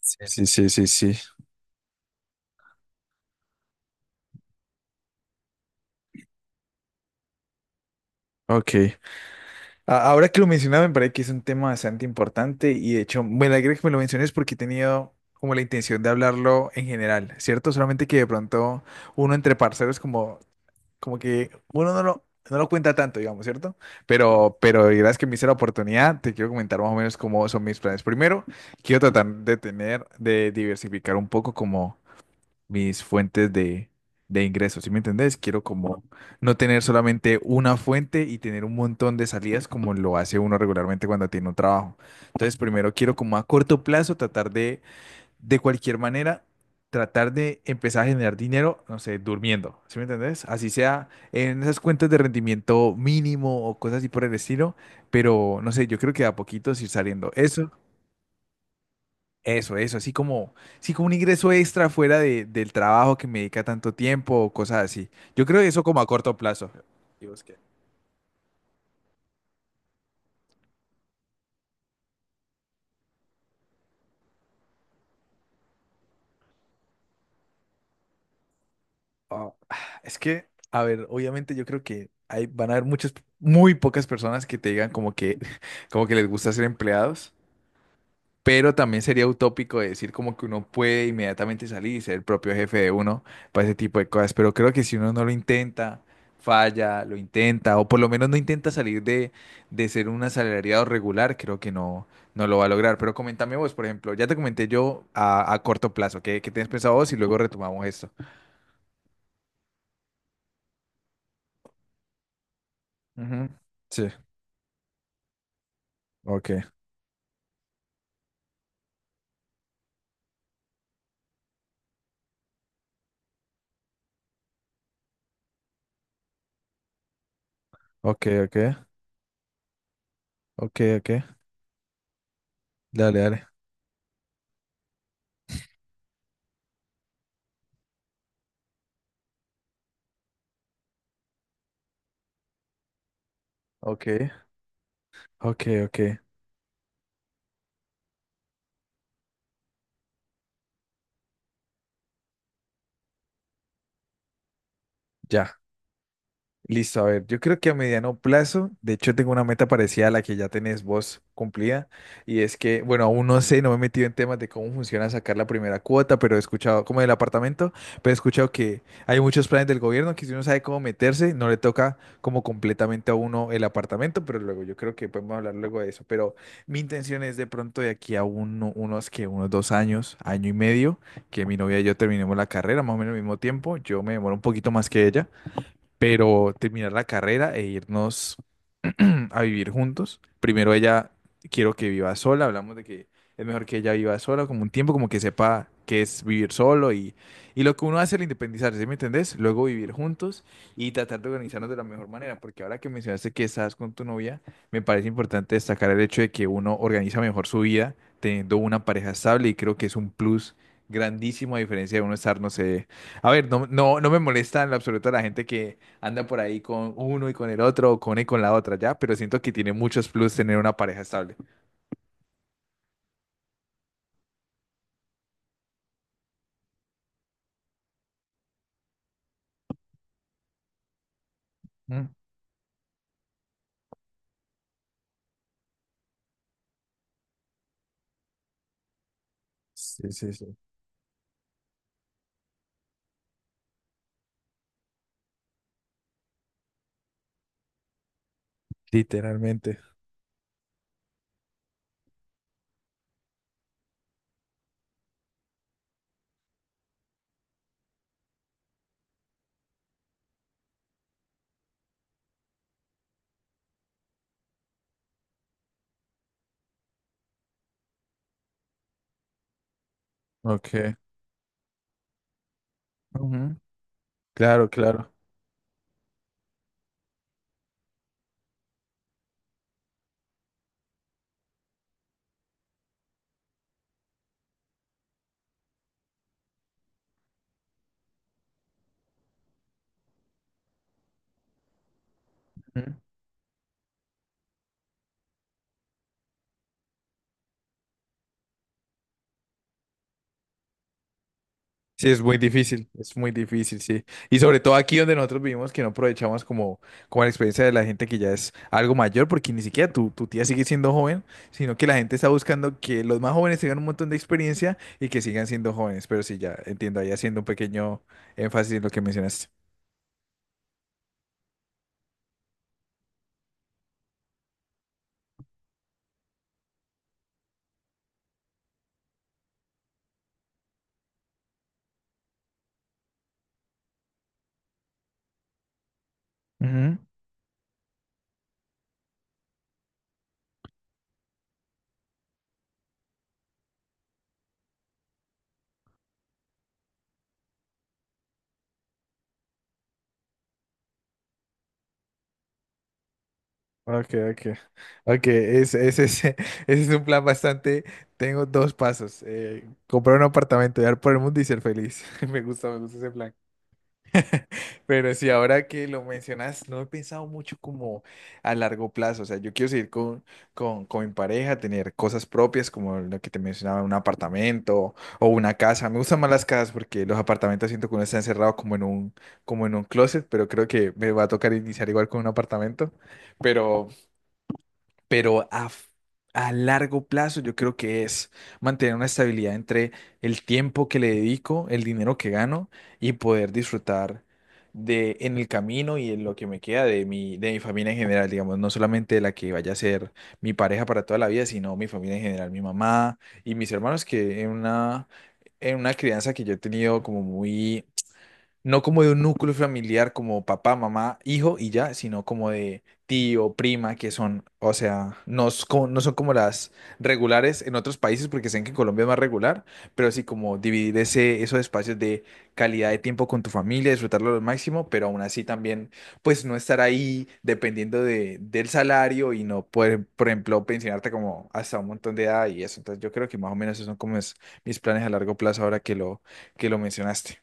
Sí, sí, sí, sí. Sí. Ok. Ahora que lo mencionaba, me parece que es un tema bastante importante y de hecho me alegra que me lo menciones porque he tenido como la intención de hablarlo en general, ¿cierto? Solamente que de pronto uno entre parceros como, como que uno no lo cuenta tanto, digamos, ¿cierto? Pero gracias que me hice la oportunidad, te quiero comentar más o menos cómo son mis planes. Primero, quiero tratar de tener, de diversificar un poco como mis fuentes de ingresos, ¿sí me entendés? Quiero como no tener solamente una fuente y tener un montón de salidas como lo hace uno regularmente cuando tiene un trabajo. Entonces, primero quiero como a corto plazo tratar de cualquier manera, tratar de empezar a generar dinero, no sé, durmiendo, ¿sí me entendés? Así sea en esas cuentas de rendimiento mínimo o cosas así por el estilo, pero no sé, yo creo que de a poquitos ir saliendo. Eso. Eso, así como, sí, como un ingreso extra fuera del trabajo que me dedica tanto tiempo o cosas así. Yo creo que eso como a corto plazo. ¿Y vos qué? Ah, es que, a ver, obviamente yo creo que van a haber muy pocas personas que te digan como que, como que les gusta ser empleados. Pero también sería utópico decir como que uno puede inmediatamente salir y ser el propio jefe de uno para ese tipo de cosas. Pero creo que si uno no lo intenta, falla, lo intenta, o por lo menos no intenta salir de ser un asalariado regular, creo que no lo va a lograr. Pero coméntame vos, por ejemplo, ya te comenté yo a corto plazo, ¿qué tienes pensado vos? Y luego retomamos esto. Ujú. Sí, ok, ok, ok, ok, ok, dale, dale, ok, ok, ok, ya. Listo, a ver, yo creo que a mediano plazo, de hecho tengo una meta parecida a la que ya tenés vos cumplida, y es que, bueno, aún no sé, no me he metido en temas de cómo funciona sacar la primera cuota, pero he escuchado, como del apartamento, pero he escuchado que hay muchos planes del gobierno que si uno sabe cómo meterse, no le toca como completamente a uno el apartamento, pero luego yo creo que podemos hablar luego de eso, pero mi intención es de pronto de aquí a unos que unos dos años, año y medio, que mi novia y yo terminemos la carrera, más o menos al mismo tiempo, yo me demoro un poquito más que ella pero terminar la carrera e irnos a vivir juntos. Primero ella quiero que viva sola, hablamos de que es mejor que ella viva sola, como un tiempo, como que sepa qué es vivir solo y lo que uno hace al independizarse, ¿sí me entendés? Luego vivir juntos y tratar de organizarnos de la mejor manera, porque ahora que mencionaste que estás con tu novia, me parece importante destacar el hecho de que uno organiza mejor su vida teniendo una pareja estable y creo que es un plus. Grandísimo a diferencia de uno estar, no sé, a ver, no, no, no me molesta en lo absoluto la gente que anda por ahí con uno y con el otro, o con él y con la otra, ¿ya? Pero siento que tiene muchos plus tener una pareja estable. Mm, sí, sí, sí. Literalmente. Ok. Ujú, claro, claro. Ujú. Sí, es muy difícil, sí. Y sobre todo aquí donde nosotros vivimos, que no aprovechamos como, como la experiencia de la gente que ya es algo mayor, porque ni siquiera tu, tu tía sigue siendo joven, sino que la gente está buscando que los más jóvenes tengan un montón de experiencia y que sigan siendo jóvenes. Pero sí, ya entiendo, ahí haciendo un pequeño énfasis en lo que mencionaste. Ok, ok. Ok, es, ese, es ese ese es un plan bastante. Tengo dos pasos. Comprar un apartamento, viajar por el mundo y ser feliz. Me gusta ese plan. Pero sí, ahora que lo mencionas, no he pensado mucho como a largo plazo. O sea, yo quiero seguir con mi pareja, tener cosas propias, como lo que te mencionaba, un apartamento o una casa. Me gustan más las casas porque los apartamentos siento que uno está encerrado como en un closet, pero creo que me va a tocar iniciar igual con un apartamento. Pero pero a, f- a largo plazo yo creo que es mantener una estabilidad entre el tiempo que le dedico, el dinero que gano y poder disfrutar de en el camino y en lo que me queda de mi familia en general, digamos, no solamente de la que vaya a ser mi pareja para toda la vida, sino mi familia en general, mi mamá y mis hermanos que en una crianza que yo he tenido como muy no como de un núcleo familiar como papá, mamá, hijo y ya, sino como de tío, prima, que son, o sea, no, no son como las regulares en otros países, porque sé que en Colombia es más regular, pero sí como dividir esos espacios de calidad de tiempo con tu familia, disfrutarlo al máximo, pero aún así también, pues no estar ahí dependiendo de, del salario y no poder, por ejemplo, pensionarte como hasta un montón de edad y eso. Entonces yo creo que más o menos esos son como mis planes a largo plazo ahora que que lo mencionaste.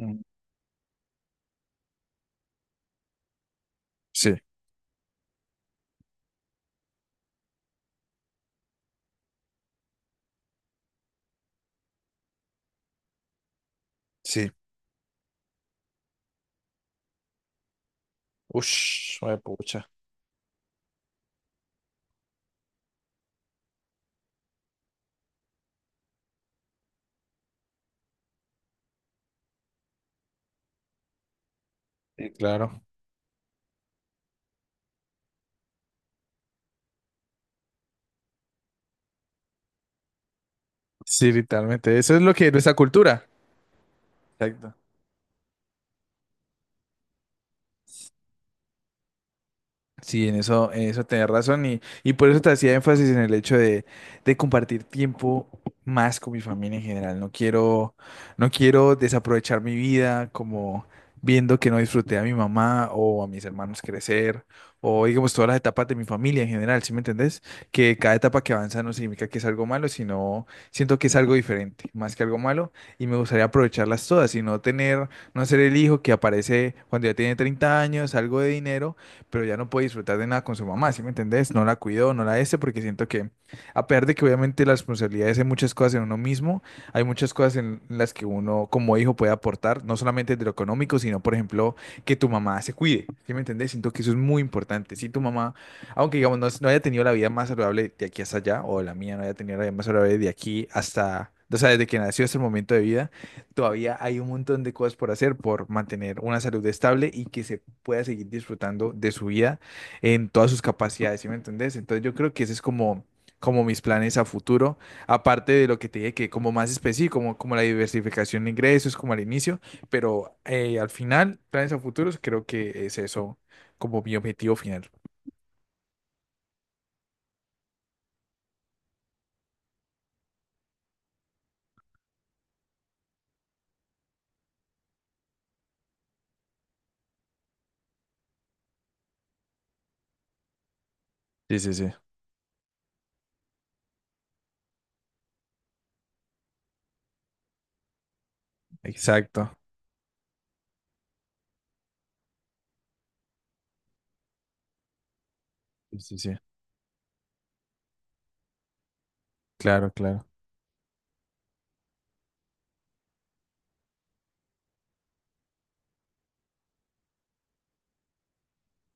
Mm. Sí. Sí. Ush, pucha. Sí, claro. Sí, literalmente. Eso es lo que es nuestra cultura. Exacto. Sí, en eso tenés razón y por eso te hacía énfasis en el hecho de compartir tiempo más con mi familia en general. No quiero, no quiero desaprovechar mi vida como viendo que no disfruté a mi mamá o a mis hermanos crecer o digamos todas las etapas de mi familia en general, ¿sí me entendés? Que cada etapa que avanza no significa que es algo malo, sino siento que es algo diferente, más que algo malo y me gustaría aprovecharlas todas y no tener, no ser el hijo que aparece cuando ya tiene 30 años, algo de dinero pero ya no puede disfrutar de nada con su mamá, ¿sí me entendés? No la cuidó, no la este, porque siento que, a pesar de que obviamente las responsabilidades hay muchas cosas en uno mismo, hay muchas cosas en las que uno como hijo puede aportar, no solamente de lo económico, sino, por ejemplo, que tu mamá se cuide, ¿sí me entendés? Siento que eso es muy importante. Si tu mamá, aunque digamos no haya tenido la vida más saludable de aquí hasta allá, o la mía no haya tenido la vida más saludable de aquí hasta o sea, desde que nació hasta el momento de vida, todavía hay un montón de cosas por hacer por mantener una salud estable y que se pueda seguir disfrutando de su vida en todas sus capacidades, ¿sí me entendés? Entonces yo creo que ese es como, como mis planes a futuro, aparte de lo que te dije, que como más específico, como, como la diversificación de ingresos, como al inicio, pero al final, planes a futuros, creo que es eso como mi objetivo final. Sí, sí, sí, exacto. Sí, sí, sí, claro, claro.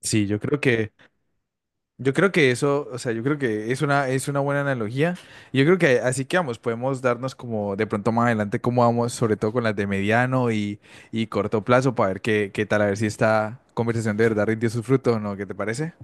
Sí, yo creo que... Yo creo que eso, o sea, yo creo que es es una buena analogía. Y yo creo que así que vamos, podemos darnos como de pronto más adelante cómo vamos, sobre todo con las de mediano y corto plazo, para ver qué, qué tal, a ver si esta conversación de verdad rindió sus frutos o no, ¿qué te parece?